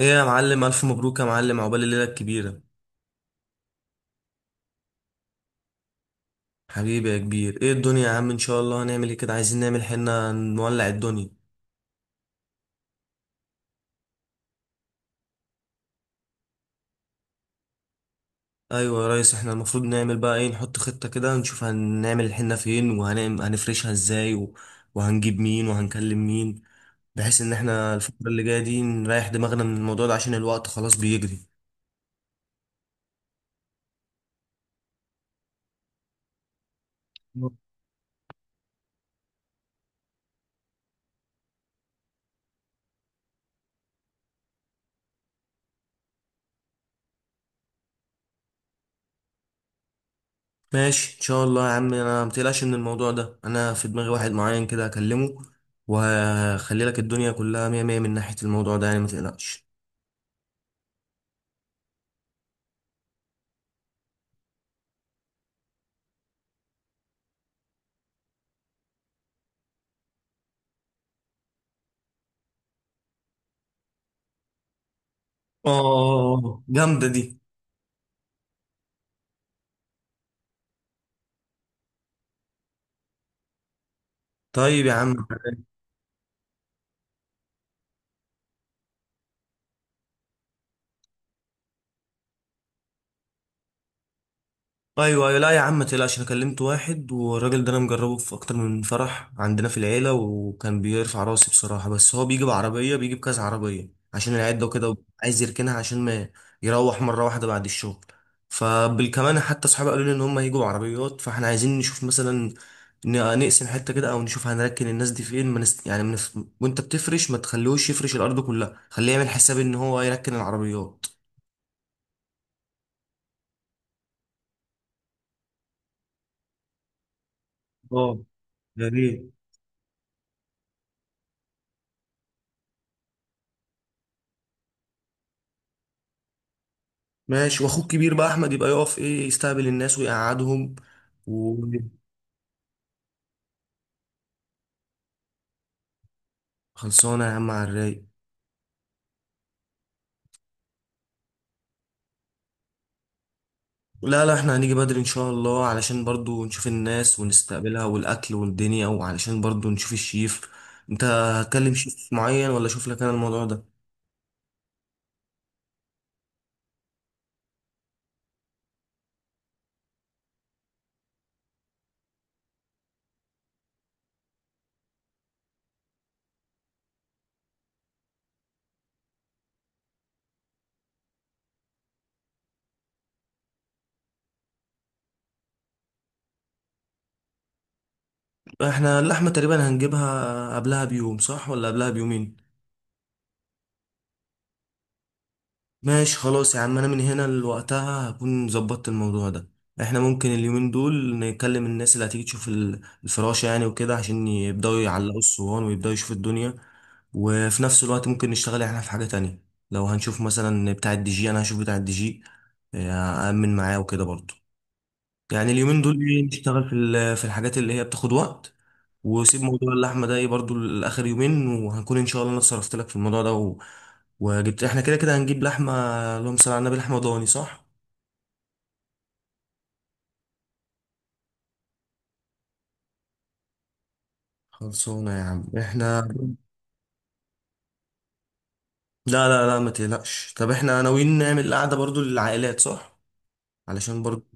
ايه يا معلم، الف مبروك يا معلم، عقبال الليله الكبيره. حبيبي يا كبير، ايه الدنيا يا عم؟ ان شاء الله هنعمل ايه كده؟ عايزين نعمل حنه، نولع الدنيا. ايوه يا ريس، احنا المفروض نعمل بقى ايه، نحط خطه كده نشوف هنعمل الحنه فين وهنفرشها ازاي وهنجيب مين وهنكلم مين، بحيث ان احنا الفتره اللي جايه دي نريح دماغنا من الموضوع ده عشان الوقت خلاص بيجري. ماشي ان شاء الله يا عم، انا متقلقش من الموضوع ده، انا في دماغي واحد معين كده هكلمه وهخلي لك الدنيا كلها مية مية من ناحية الموضوع ده يعني، متقلقش. اه، جامدة دي. طيب يا عم. ايوه ايوه، لا يا عم ما تقلقش، انا كلمت واحد والراجل ده انا مجربه في اكتر من فرح عندنا في العيلة، وكان بيرفع راسي بصراحة، بس هو بيجي بعربية، بيجي بكذا عربية عشان العدة وكده، عايز يركنها عشان ما يروح مرة واحدة بعد الشغل، فبالكمان حتى صحابي قالوا لي ان هم هيجوا بعربيات، فاحنا عايزين نشوف مثلا نقسم حتة كده او نشوف هنركن الناس دي فين، ما نست... يعني وانت بتفرش ما تخليهوش يفرش الارض كلها، خليه يعمل حساب ان هو يركن العربيات. اه، يا ريت. ماشي، واخوك كبير بقى احمد يبقى يقف ايه، يستقبل الناس ويقعدهم. وخلصانه يا عم على الرايق. لا لا، احنا هنيجي بدري ان شاء الله علشان برضو نشوف الناس ونستقبلها والاكل والدنيا، وعلشان برضو نشوف الشيف. انت هتكلم شيف معين ولا اشوف لك انا الموضوع ده؟ احنا اللحمه تقريبا هنجيبها قبلها بيوم، صح ولا قبلها بيومين؟ ماشي خلاص يا عم، انا من هنا لوقتها هكون ظبطت الموضوع ده. احنا ممكن اليومين دول نكلم الناس اللي هتيجي تشوف الفراشة يعني وكده، عشان يبدأوا يعلقوا الصوان ويبدأوا يشوفوا الدنيا، وفي نفس الوقت ممكن نشتغل احنا في حاجة تانية. لو هنشوف مثلا بتاع الدي جي، انا هشوف بتاع الدي جي، آه، أأمن معاه وكده برضه. يعني اليومين دول ايه، نشتغل في الحاجات اللي هي بتاخد وقت. وسيب موضوع اللحمه ده ايه برضو لاخر يومين، وهنكون ان شاء الله انا اتصرفت لك في الموضوع ده وجبت، احنا كده كده هنجيب لحمه. اللهم صل على النبي، لحمه ضاني صح؟ خلصونا يا عم احنا. لا لا لا، ما تقلقش. طب احنا ناويين نعمل قعده برضو للعائلات، صح؟ علشان برضو.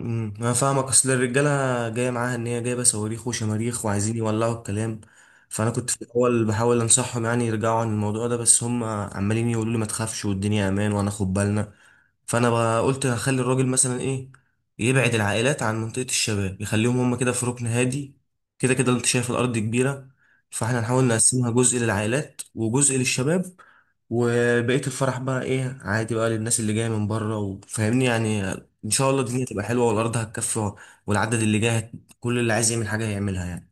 انا فاهمك، اصل الرجاله جايه معاها ان هي جايبه صواريخ وشماريخ وعايزين يولعوا الكلام، فانا كنت في الاول بحاول انصحهم يعني يرجعوا عن الموضوع ده، بس هم عمالين يقولوا لي ما تخافش والدنيا امان وهناخد بالنا. فانا بقى قلت هخلي الراجل مثلا ايه، يبعد العائلات عن منطقه الشباب، يخليهم هم كده في ركن هادي، كده كده انت شايف الارض كبيره، فاحنا نحاول نقسمها جزء للعائلات وجزء للشباب، وبقية الفرح بقى ايه عادي بقى للناس اللي جاية من بره، وفاهمني يعني. ان شاء الله الدنيا تبقى حلوة والارض هتكفي والعدد اللي جاي هت- كل اللي عايز يعمل حاجة هيعملها يعني.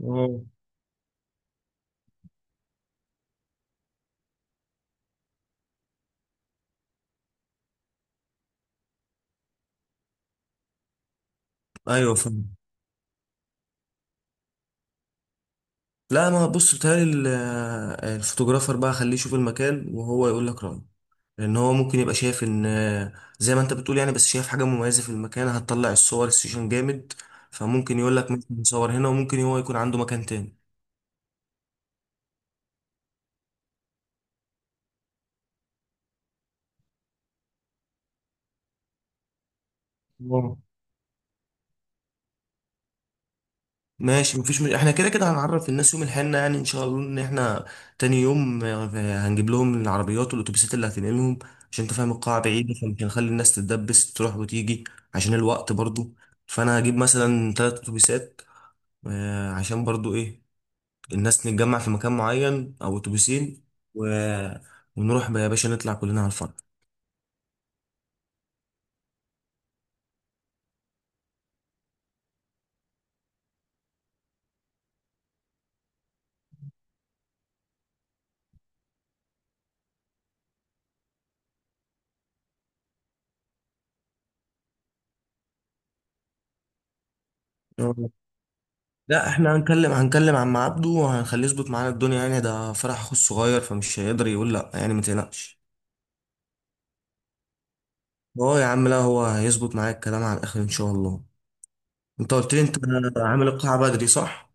اه. ايوه، فاهم. لا، ما بص، بتهيألي الفوتوغرافر بقى خليه يشوف المكان وهو يقول لك رأيه، لان هو ممكن يبقى شايف ان زي ما انت بتقول يعني، بس شايف حاجة مميزة في المكان هتطلع الصور السيشن جامد، فممكن يقول لك مثلا نصور هنا، وممكن هو يكون عنده مكان تاني. ماشي، مفيش مش... احنا كده كده هنعرف الناس يوم الحنة يعني ان شاء الله ان احنا تاني يوم هنجيب لهم العربيات والاتوبيسات اللي هتنقلهم عشان انت فاهم القاعة بعيدة، فمش هنخلي الناس تتدبس تروح وتيجي، عشان الوقت برضو. فانا هجيب مثلا تلات اتوبيسات، عشان برضو ايه الناس نتجمع في مكان معين او اتوبيسين و... ونروح بقى يا باشا نطلع كلنا على الفرح. آه. لا، احنا هنكلم عم عبده وهنخليه يظبط معانا الدنيا، يعني ده فرح اخو الصغير فمش هيقدر يقول لا يعني، ما تقلقش. هو يا عم، لا هو هيظبط معاك الكلام على الاخر ان شاء الله. انت قلت لي انت عامل القاعة بدري، صح؟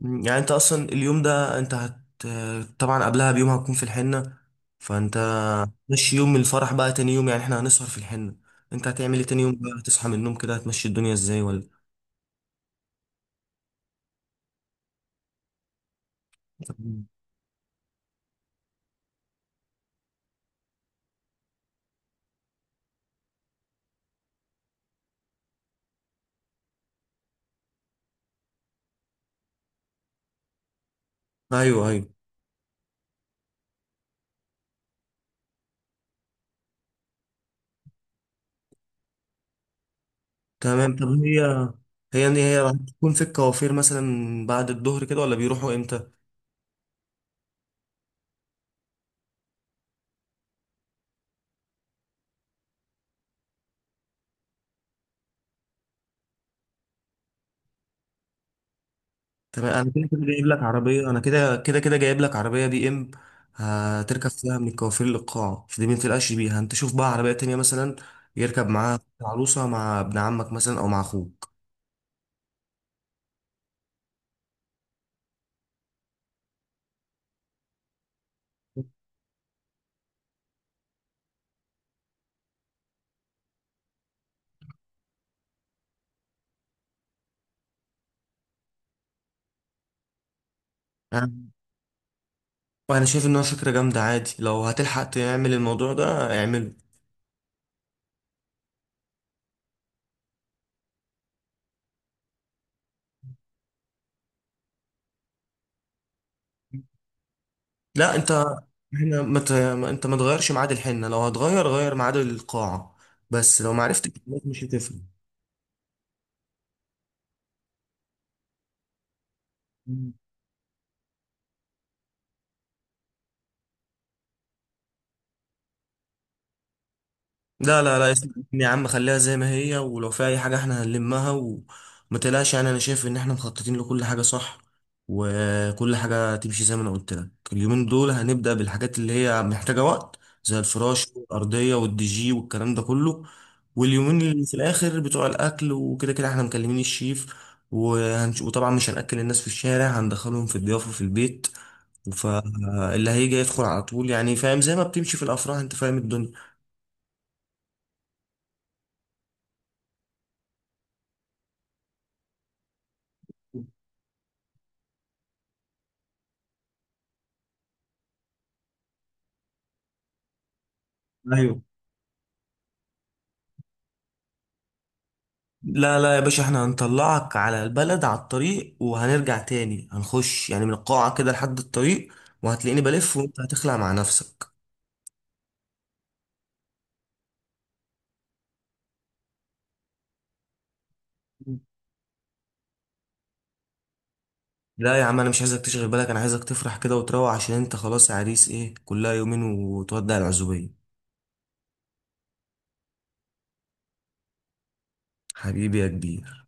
مم، يعني انت اصلا اليوم ده انت هت طبعا قبلها بيوم هتكون في الحنة، فانت مشي يوم الفرح بقى تاني يوم، يعني احنا هنسهر في الحنة، انت هتعمل ايه تاني يوم بقى؟ هتصحى من النوم كده هتمشي الدنيا ازاي؟ ولا مم. ايوه ايوه. تمام، طب هي، هي هتكون في الكوافير مثلا بعد الظهر كده ولا بيروحوا امتى؟ تمام، انا كده كده جايب لك عربيه، انا كده كده كده جايب لك عربيه بي ام هتركب فيها من الكوافير للقاع، فدي ما تقلقش بيها، انت شوف بقى عربيه تانية مثلا يركب معاها عروسه مع ابن عمك مثلا او مع اخوك. انا أنا شايف انها فكره جامده، عادي لو هتلحق تعمل الموضوع ده اعمله. لا انت، احنا ما ت... ما- انت ما تغيرش ميعاد الحنه، لو هتغير غير ميعاد القاعه، بس لو ما عرفتش مش هتفرق. لا لا لا، اسمع مني يا عم، خليها زي ما هي، ولو في اي حاجه احنا هنلمها وما تقلقش يعني، انا شايف ان احنا مخططين لكل حاجه، صح؟ وكل حاجه تمشي زي ما انا قلت لك. اليومين دول هنبدا بالحاجات اللي هي محتاجه وقت، زي الفراش والارضيه والدي جي والكلام ده كله، واليومين اللي في الاخر بتوع الاكل وكده كده احنا مكلمين الشيف، وطبعا مش هنأكل الناس في الشارع، هندخلهم في الضيافه في البيت، فاللي هيجي يدخل على طول يعني، فاهم زي ما بتمشي في الافراح، انت فاهم الدنيا. ايوه. لا لا يا باشا، احنا هنطلعك على البلد على الطريق وهنرجع تاني هنخش يعني من القاعة كده لحد الطريق، وهتلاقيني بلف وانت هتخلع مع نفسك. لا يا عم، انا مش عايزك تشغل بالك، انا عايزك تفرح كده وتروح، عشان انت خلاص يا عريس ايه، كلها يومين وتودع العزوبية. حبيبي يا كبير